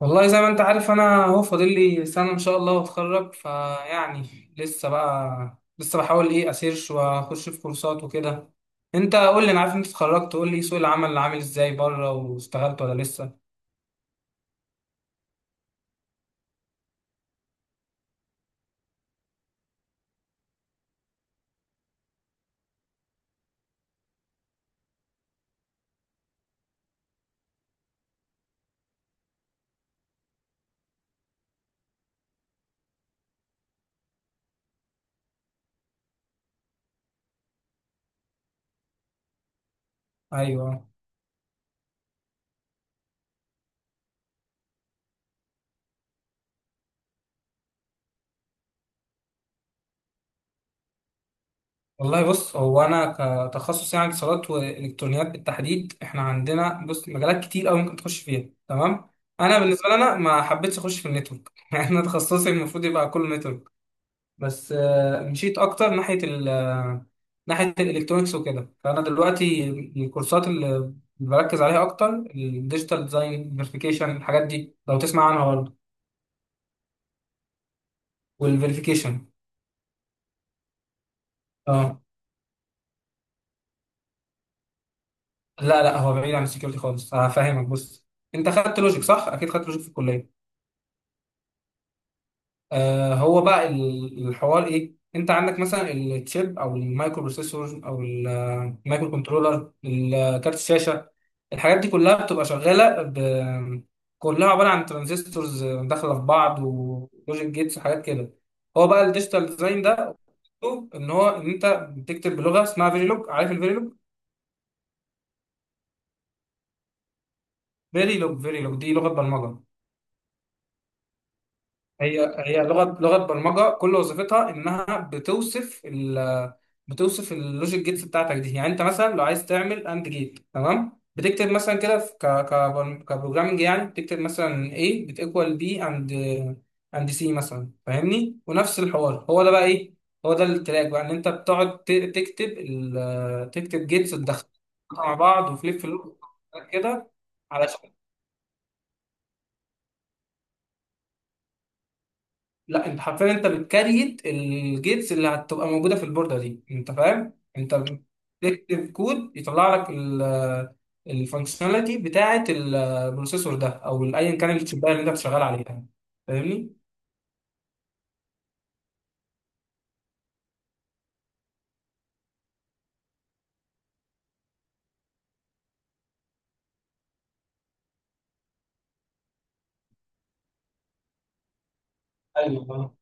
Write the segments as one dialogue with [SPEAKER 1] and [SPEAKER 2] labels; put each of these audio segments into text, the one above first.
[SPEAKER 1] والله، زي ما انت عارف، انا اهو فاضل لي سنه ان شاء الله واتخرج. فيعني لسه بحاول اسيرش واخش في كورسات وكده. انت قول لي، انا عارف انت اتخرجت، قول لي سوق العمل اللي عامل ازاي بره، واشتغلت ولا لسه؟ ايوه. والله بص، هو انا كتخصص يعني اتصالات والكترونيات بالتحديد، احنا عندنا بص مجالات كتير قوي ممكن تخش فيها، تمام. انا بالنسبه لي انا ما حبيتش اخش في النتورك يعني انا تخصصي المفروض يبقى كله نتورك. بس مشيت اكتر ناحيه ال آه، ناحيه الالكترونكس وكده. فانا دلوقتي الكورسات اللي بركز عليها اكتر الديجيتال ديزاين، فيريفيكيشن، الحاجات دي، لو تسمع عنها برضه. والفيريفيكيشن، اه. لا لا، هو بعيد عن السكيورتي خالص، هفهمك بص. انت خدت لوجيك صح؟ اكيد خدت لوجيك في الكليه. آه، هو بقى الحوار ايه، انت عندك مثلا التشيب او المايكرو بروسيسور او المايكرو كنترولر، الكارت، الشاشه، الحاجات دي كلها بتبقى شغاله كلها عباره عن ترانزستورز داخله في بعض ولوجيك جيتس وحاجات كده. هو بقى الديجيتال ديزاين ده مطلوب ان هو ان انت بتكتب بلغه اسمها فيريلوج، عارف الفيريلوج؟ فيريلوج دي لغه برمجه. هي لغه برمجه، كل وظيفتها انها بتوصف اللوجيك جيتس بتاعتك دي. يعني انت مثلا لو عايز تعمل اند جيت، تمام، بتكتب مثلا كده في ك ك كبروجرامنج، يعني بتكتب مثلا A بتيكوال بي اند سي مثلا، فاهمني؟ ونفس الحوار. هو ده بقى ايه، هو ده التراك بقى، ان انت بتقعد تكتب تكتب جيتس تدخلها مع بعض وفليب فلوب كده. علشان، لا انت حرفيا انت بتكريت الجيتس اللي هتبقى موجوده في البورده دي، انت فاهم؟ انت بتكتب كود يطلع لك الفانكشناليتي بتاعه البروسيسور ده، او ايا كان الشبايه اللي انت شغال عليها، فاهمني؟ ايوه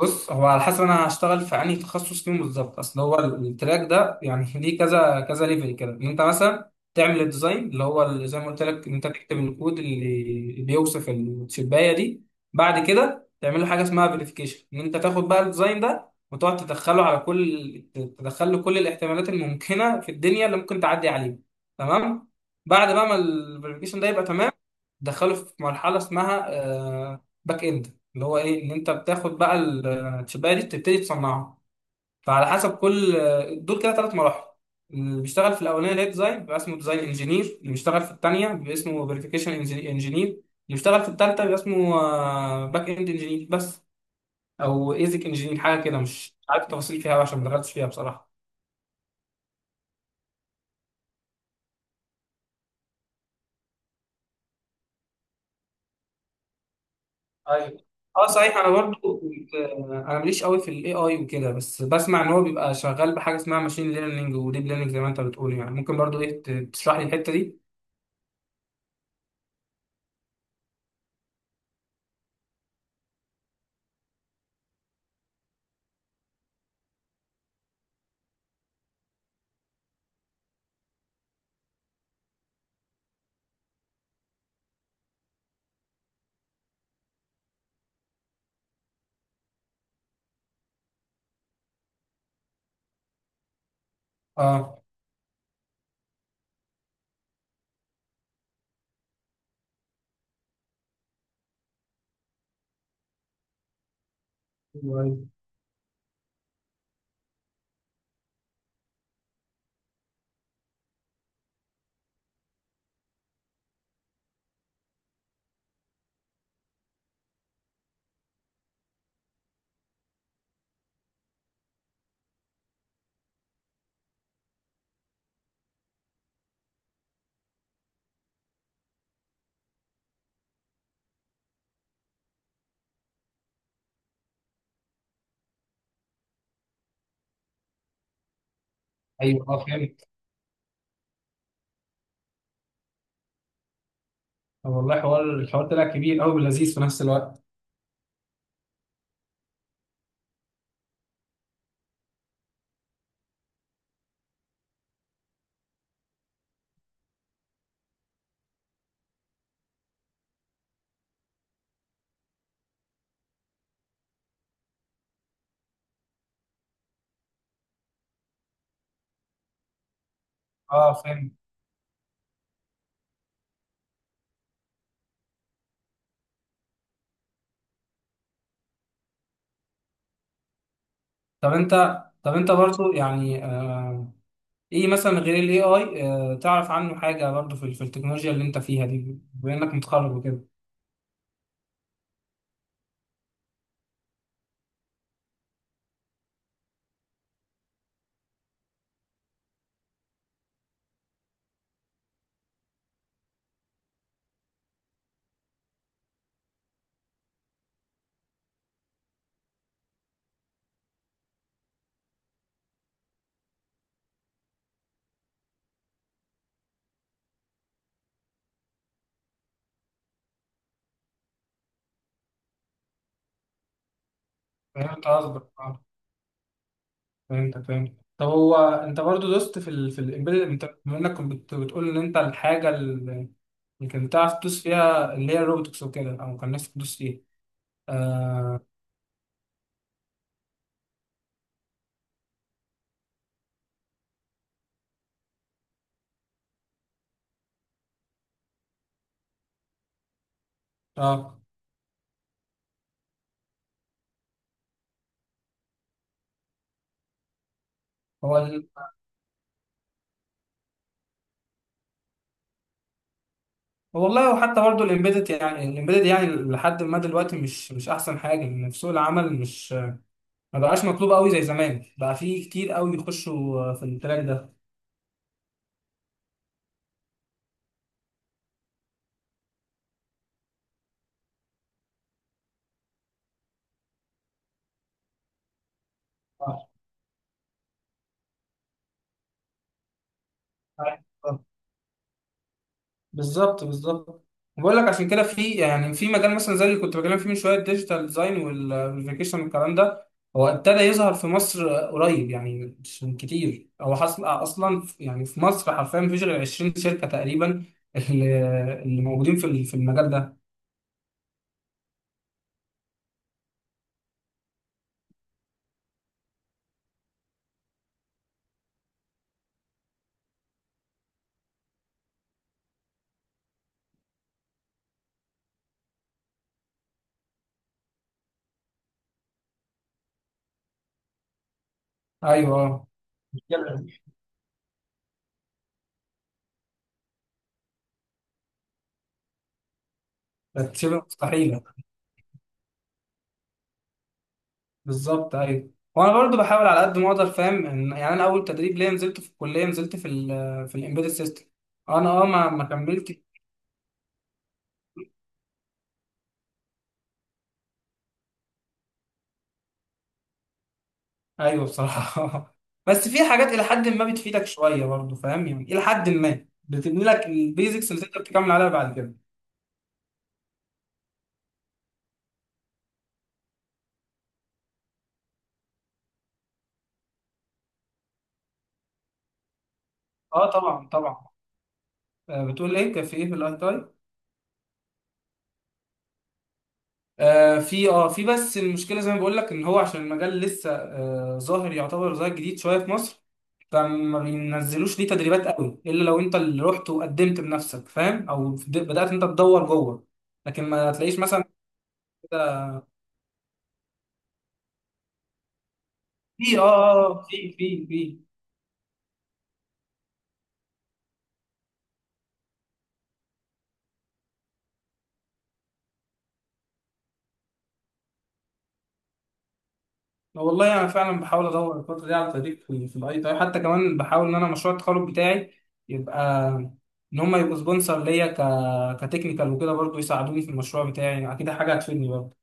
[SPEAKER 1] بص، هو على حسب انا هشتغل في انهي تخصص فيهم بالظبط. اصل هو التراك ده يعني ليه كذا كذا ليفل كده، ان انت مثلا تعمل الديزاين اللي هو زي ما قلت لك ان انت تكتب الكود اللي بيوصف الشبايه دي. بعد كده تعمل له حاجه اسمها فيريفيكيشن، ان انت تاخد بقى الديزاين ده وتقعد تدخله كل الاحتمالات الممكنه في الدنيا اللي ممكن تعدي عليه، تمام. بعد بقى ما الفيريفيكيشن ده يبقى تمام، دخلوا في مرحله اسمها باك اند، اللي هو ايه، ان انت بتاخد بقى الشبايه دي تبتدي تصنعها. فعلى حسب كل دول كده ثلاث مراحل. اللي بيشتغل في الاولانيه اللي هي ديزاين بيبقى اسمه ديزاين انجينير، اللي بيشتغل في الثانيه بيبقى اسمه فيريفيكيشن انجينير، اللي بيشتغل في الثالثه بيبقى اسمه باك اند انجينير. بس او ايزك انجينير حاجه كده، مش عارف التفاصيل فيها أوي عشان ما دخلتش فيها بصراحه. ايوه. اه صحيح، انا برضو كنت انا ماليش قوي في الاي اي وكده، بس بسمع ان هو بيبقى شغال بحاجه اسمها ماشين ليرنينج وديب ليرنينج زي ما انت بتقول، يعني ممكن برضو تشرح لي الحته دي؟ اه. ايوه ايوه ايوه. اه فهمت. طب والله الحوار طلع كبير قوي ولذيذ في نفس الوقت. اه فهمت. طب انت طب انت برضو يعني، ايه مثلا غير الاي اي، تعرف عنه حاجه برضو في في التكنولوجيا اللي انت فيها دي بما انك متخرج وكده؟ فهمت قصدك، آه. فهمت طب هو انت برضو دوست في في الامبيدد، انت بما انك كنت بتقول ان انت الحاجه اللي كنت تعرف تدوس فيها اللي هي الروبوتكس وكده، او كان نفسك تدوس فيها. اه اه. هو ال... هو والله، وحتى برضو الامبيدد يعني، الامبيدد يعني لحد ما دلوقتي مش احسن حاجه، ان في سوق العمل مش، ما بقاش مطلوب قوي زي زمان، بقى في كتير قوي بيخشوا في التراك ده. آه. بالظبط بالظبط. بقول لك عشان كده في يعني في مجال مثلا زي اللي كنت بكلم فيه من شويه، الديجيتال ديزاين والفيكيشن والكلام ده، هو ابتدى يظهر في مصر قريب يعني مش من كتير. هو حصل اصلا يعني في مصر حرفيا مفيش غير 20 شركه تقريبا اللي اللي موجودين في في المجال ده. ايوه. اه كانت شبه مستحيله. بالظبط. ايوه وانا برضو بحاول على قد ما اقدر فاهم يعني انا اول تدريب ليا نزلته في الكليه نزلت في في الامبيدد سيستم، انا اه ما كملتش. ايوه بصراحه بس في حاجات الى حد ما بتفيدك شويه برضه فاهم، يعني الى حد ما بتبني لك البيزكس اللي تقدر تكمل عليها بعد كده. اه طبعا طبعا. آه، بتقول ايه، كان في ايه في الاي تاي؟ آه في في، بس المشكله زي ما بقول لك ان هو عشان المجال لسه ظاهر، يعتبر ظاهر جديد شويه في مصر، فما بينزلوش ليه تدريبات قوي الا لو انت اللي رحت وقدمت بنفسك فاهم، او بدات انت تدور جوه، لكن ما تلاقيش مثلا في في. والله انا فعلا بحاول ادور الفتره دي على تدريب في الاي تي اي، حتى كمان بحاول ان انا مشروع التخرج بتاعي يبقى ان هم يبقوا سبونسر ليا كتكنيكال وكده، برضو يساعدوني في المشروع بتاعي، اكيد حاجه هتفيدني برضو.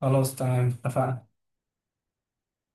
[SPEAKER 1] خلاص تمام اتفقنا.